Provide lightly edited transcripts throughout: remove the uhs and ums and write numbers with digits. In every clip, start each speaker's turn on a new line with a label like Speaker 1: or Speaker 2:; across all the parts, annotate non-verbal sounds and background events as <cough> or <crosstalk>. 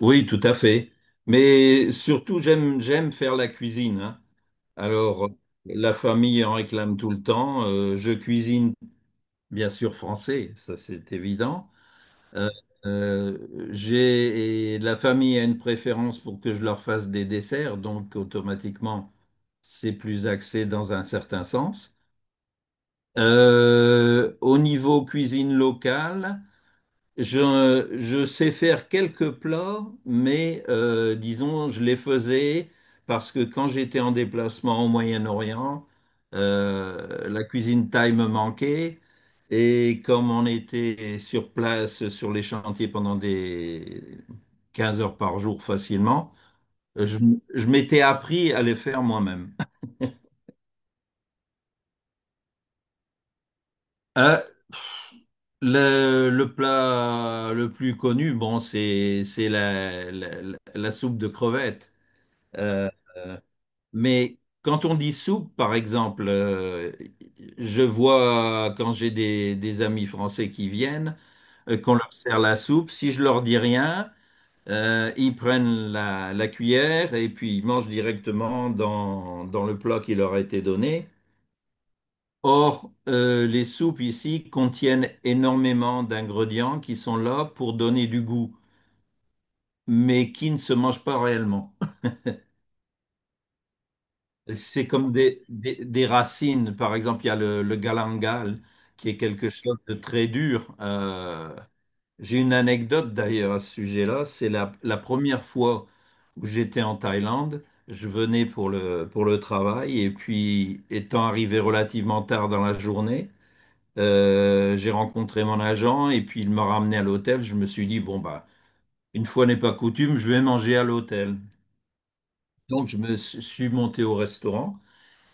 Speaker 1: Oui, tout à fait. Mais surtout, j'aime faire la cuisine, hein. Alors, la famille en réclame tout le temps. Je cuisine bien sûr français, ça c'est évident. Euh, euh, j'ai et la famille a une préférence pour que je leur fasse des desserts, donc automatiquement c'est plus axé dans un certain sens. Au niveau cuisine locale. Je sais faire quelques plats, mais disons, je les faisais parce que quand j'étais en déplacement au Moyen-Orient, la cuisine thaï me manquait. Et comme on était sur place, sur les chantiers pendant des 15 heures par jour facilement, je, je m'étais appris à les faire moi-même. Euh, le plat le plus connu, bon, c'est la soupe de crevettes. Euh, Mais quand on dit soupe, par exemple, je vois quand j'ai des amis français qui viennent, qu'on leur sert la soupe, si je leur dis rien, ils prennent la cuillère et puis ils mangent directement dans le plat qui leur a été donné. Or, les soupes ici contiennent énormément d'ingrédients qui sont là pour donner du goût, mais qui ne se mangent pas réellement. C'est comme des racines. Par exemple, il y a le galangal, qui est quelque chose de très dur. J'ai une anecdote d'ailleurs à ce sujet-là. C'est la première fois où j'étais en Thaïlande. Je venais pour le travail et puis, étant arrivé relativement tard dans la journée, j'ai rencontré mon agent et puis il m'a ramené à l'hôtel. Je me suis dit, bon, bah, une fois n'est pas coutume, je vais manger à l'hôtel. Donc, je me suis monté au restaurant.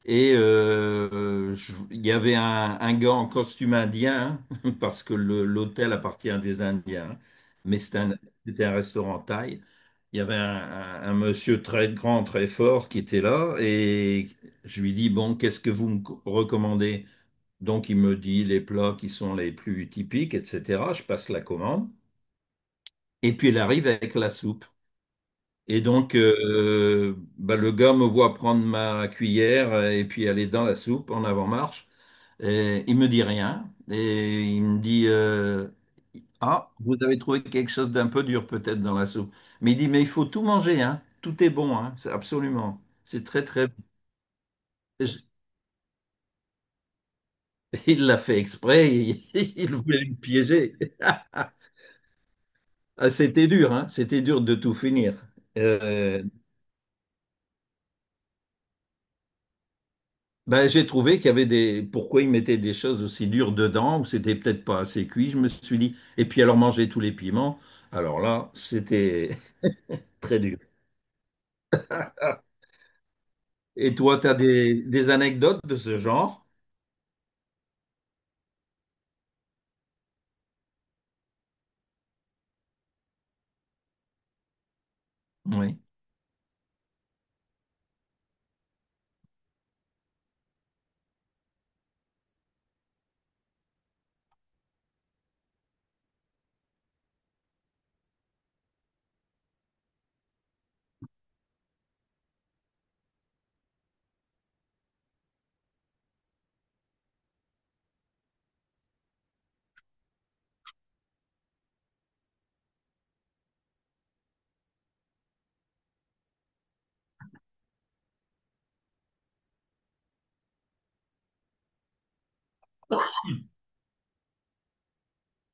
Speaker 1: Il y avait un gars en costume indien, <laughs> parce que l'hôtel appartient à des Indiens, hein, mais c'était un restaurant thaï. Il y avait un monsieur très grand, très fort qui était là, et je lui dis, bon, qu'est-ce que vous recommandez? Donc il me dit les plats qui sont les plus typiques, etc. Je passe la commande, et puis il arrive avec la soupe. Et donc, bah, le gars me voit prendre ma cuillère et puis aller dans la soupe en avant-marche. Et il me dit rien. Et il me dit, ah, vous avez trouvé quelque chose d'un peu dur peut-être dans la soupe. Mais il dit, mais il faut tout manger, hein. Tout est bon, hein. C'est absolument. C'est très, très bon. Je- <laughs> Il l'a fait exprès. Il, <laughs> il voulait me piéger. <laughs> Ah, c'était dur, hein. C'était dur de tout finir. Euh, Ben, j'ai trouvé qu'il y avait des... Pourquoi ils mettaient des choses aussi dures dedans, ou c'était peut-être pas assez cuit, je me suis dit. Et puis alors manger tous les piments, alors là, c'était <laughs> très dur. Ah. Et toi, tu as des... anecdotes de ce genre? Oui.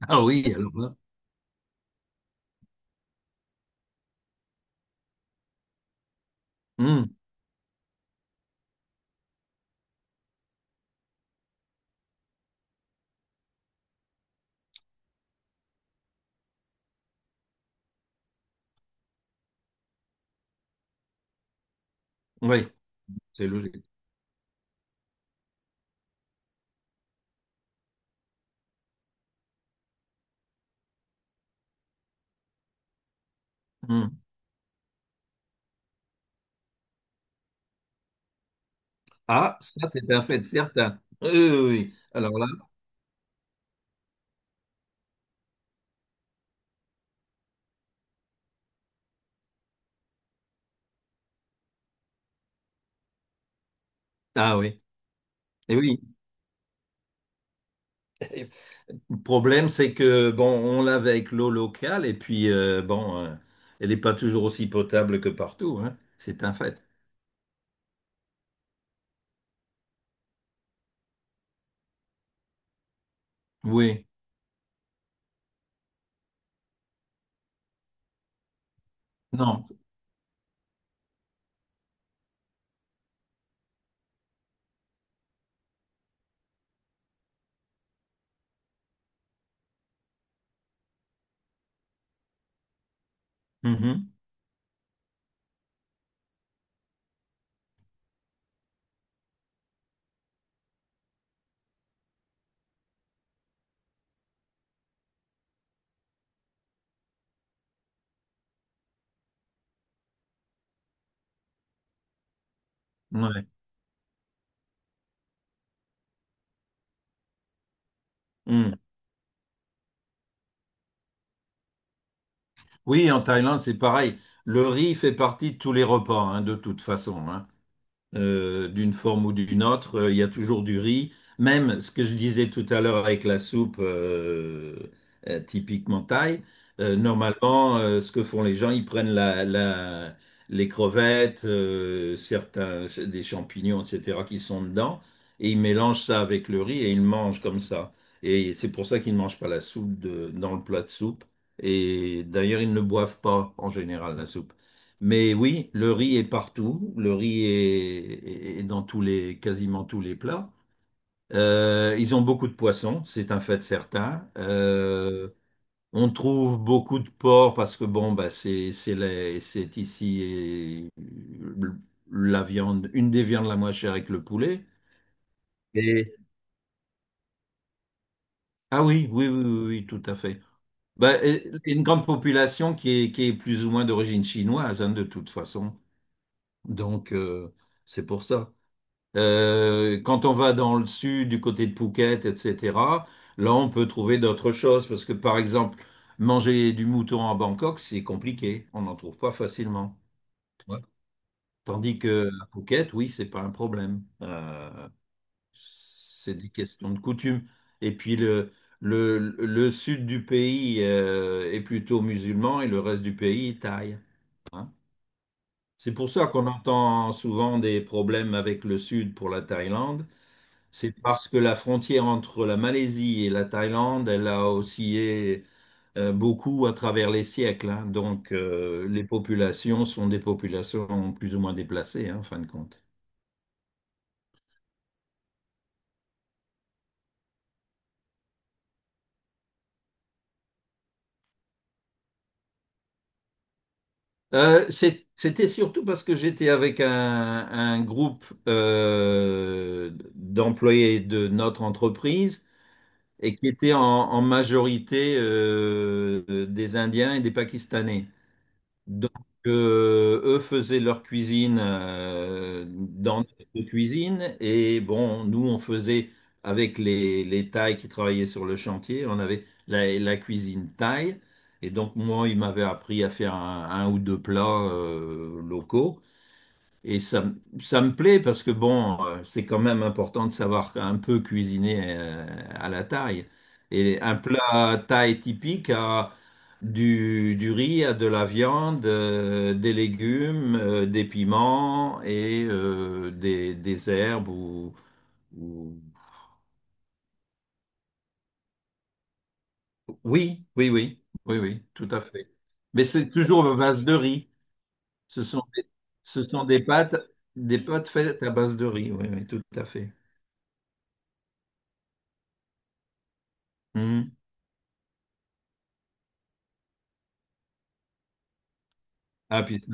Speaker 1: Ah oui, alors là. Hmm. Oui, c'est logique. Hmm. Ah, ça, c'est un fait certain. Oui, oui, oui. Alors là, ah oui. Et oui. Le problème, c'est que, bon, on l'avait avec l'eau locale, et puis, bon, elle n'est pas toujours aussi potable que partout, hein. C'est un fait. Oui, non. Mhm. Ouais. Mm. Oui, en Thaïlande, c'est pareil. Le riz fait partie de tous les repas, hein, de toute façon, hein, d'une forme ou d'une autre. Il y a toujours du riz. Même ce que je disais tout à l'heure avec la soupe typiquement thaï, normalement, ce que font les gens, ils prennent les crevettes, certains, des champignons, etc., qui sont dedans, et ils mélangent ça avec le riz et ils le mangent comme ça. Et c'est pour ça qu'ils ne mangent pas la dans le plat de soupe. Et d'ailleurs, ils ne boivent pas en général la soupe. Mais oui, le riz est partout. Le riz est dans tous les, quasiment tous les plats. Ils ont beaucoup de poissons, c'est un fait certain. On trouve beaucoup de porc parce que bon, bah c'est c'est ici et la viande, une des viandes la moins chère avec le poulet. Et... Ah oui, oui, oui, oui, oui, tout à fait. Bah, et une grande population qui est plus ou moins d'origine chinoise, hein, de toute façon. Donc, c'est pour ça. Quand on va dans le sud, du côté de Phuket, etc., là, on peut trouver d'autres choses. Parce que, par exemple, manger du mouton à Bangkok, c'est compliqué. On n'en trouve pas facilement. Ouais. Tandis que à Phuket, oui, c'est pas un problème. C'est des questions de coutume. Et puis, le sud du pays est plutôt musulman et le reste du pays est thaï, hein. C'est pour ça qu'on entend souvent des problèmes avec le sud pour la Thaïlande. C'est parce que la frontière entre la Malaisie et la Thaïlande, elle a oscillé beaucoup à travers les siècles, hein. Donc, les populations sont des populations plus ou moins déplacées, hein, en fin de compte. C'était surtout parce que j'étais avec un groupe d'employés de notre entreprise et qui était en majorité des Indiens et des Pakistanais. Donc, eux faisaient leur cuisine dans notre cuisine et bon, nous on faisait avec les Thaïs qui travaillaient sur le chantier, on avait la cuisine thaï et donc moi il m'avait appris à faire un ou deux plats locaux et ça, ça me plaît parce que bon, c'est quand même important de savoir un peu cuisiner à la taille. Et un plat thaï typique a du riz, a de la viande, des légumes, des piments et des herbes ou. Oui, oui, oui, oui, oui, tout à fait. Mais c'est toujours à base de riz. Ce sont des, ce sont des pâtes faites à base de riz, oui, oui, tout à fait. Mhm. Ah, puis c'est.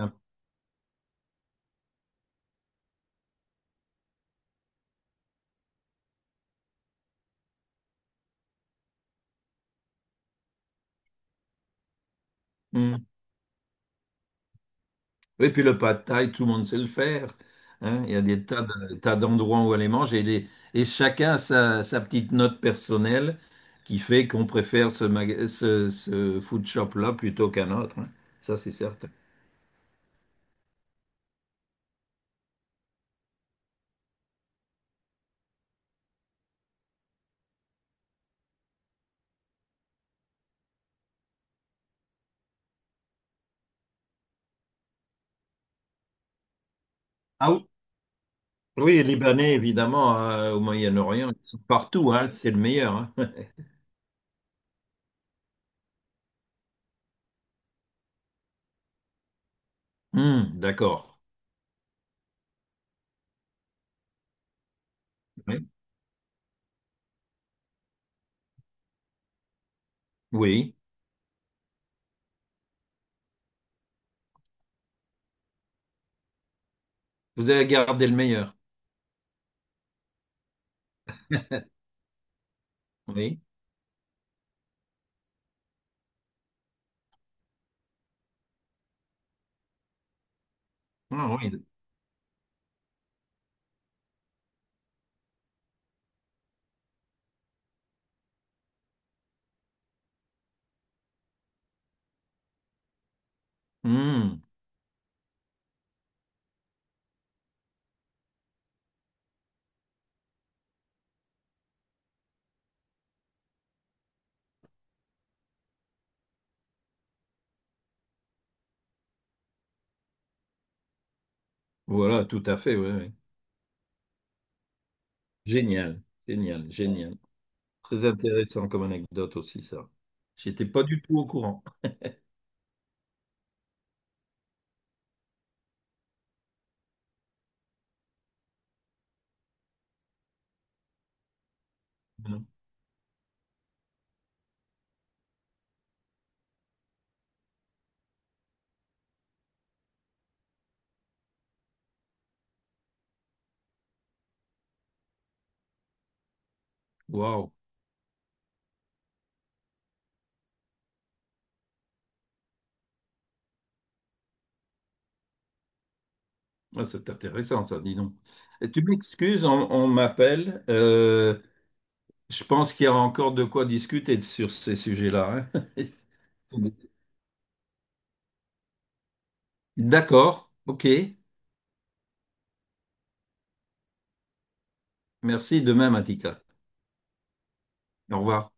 Speaker 1: Mm. Et puis le pad thaï, tout le monde sait le faire, hein. Il y a des tas d'endroits où aller manger. Et, et chacun a sa petite note personnelle qui fait qu'on préfère ce food shop-là plutôt qu'un autre, hein. Ça, c'est certain. Ah oui, oui, les Libanais, évidemment, au Moyen-Orient, ils sont partout, hein. C'est le meilleur, hein. <laughs> D'accord. Oui. Oui. Vous avez gardé le meilleur. Oui. Ah, oui. Hum, voilà, tout à fait, oui, oui. Génial. Génial. Génial. Très intéressant comme anecdote aussi, ça. J'étais pas du tout au courant. Waouh. Ah, c'est intéressant, ça, dis donc. Et tu m'excuses, on m'appelle. Je pense qu'il y a encore de quoi discuter sur ces sujets-là, hein. <laughs> D'accord, ok. Merci, de même, Atika. Au revoir.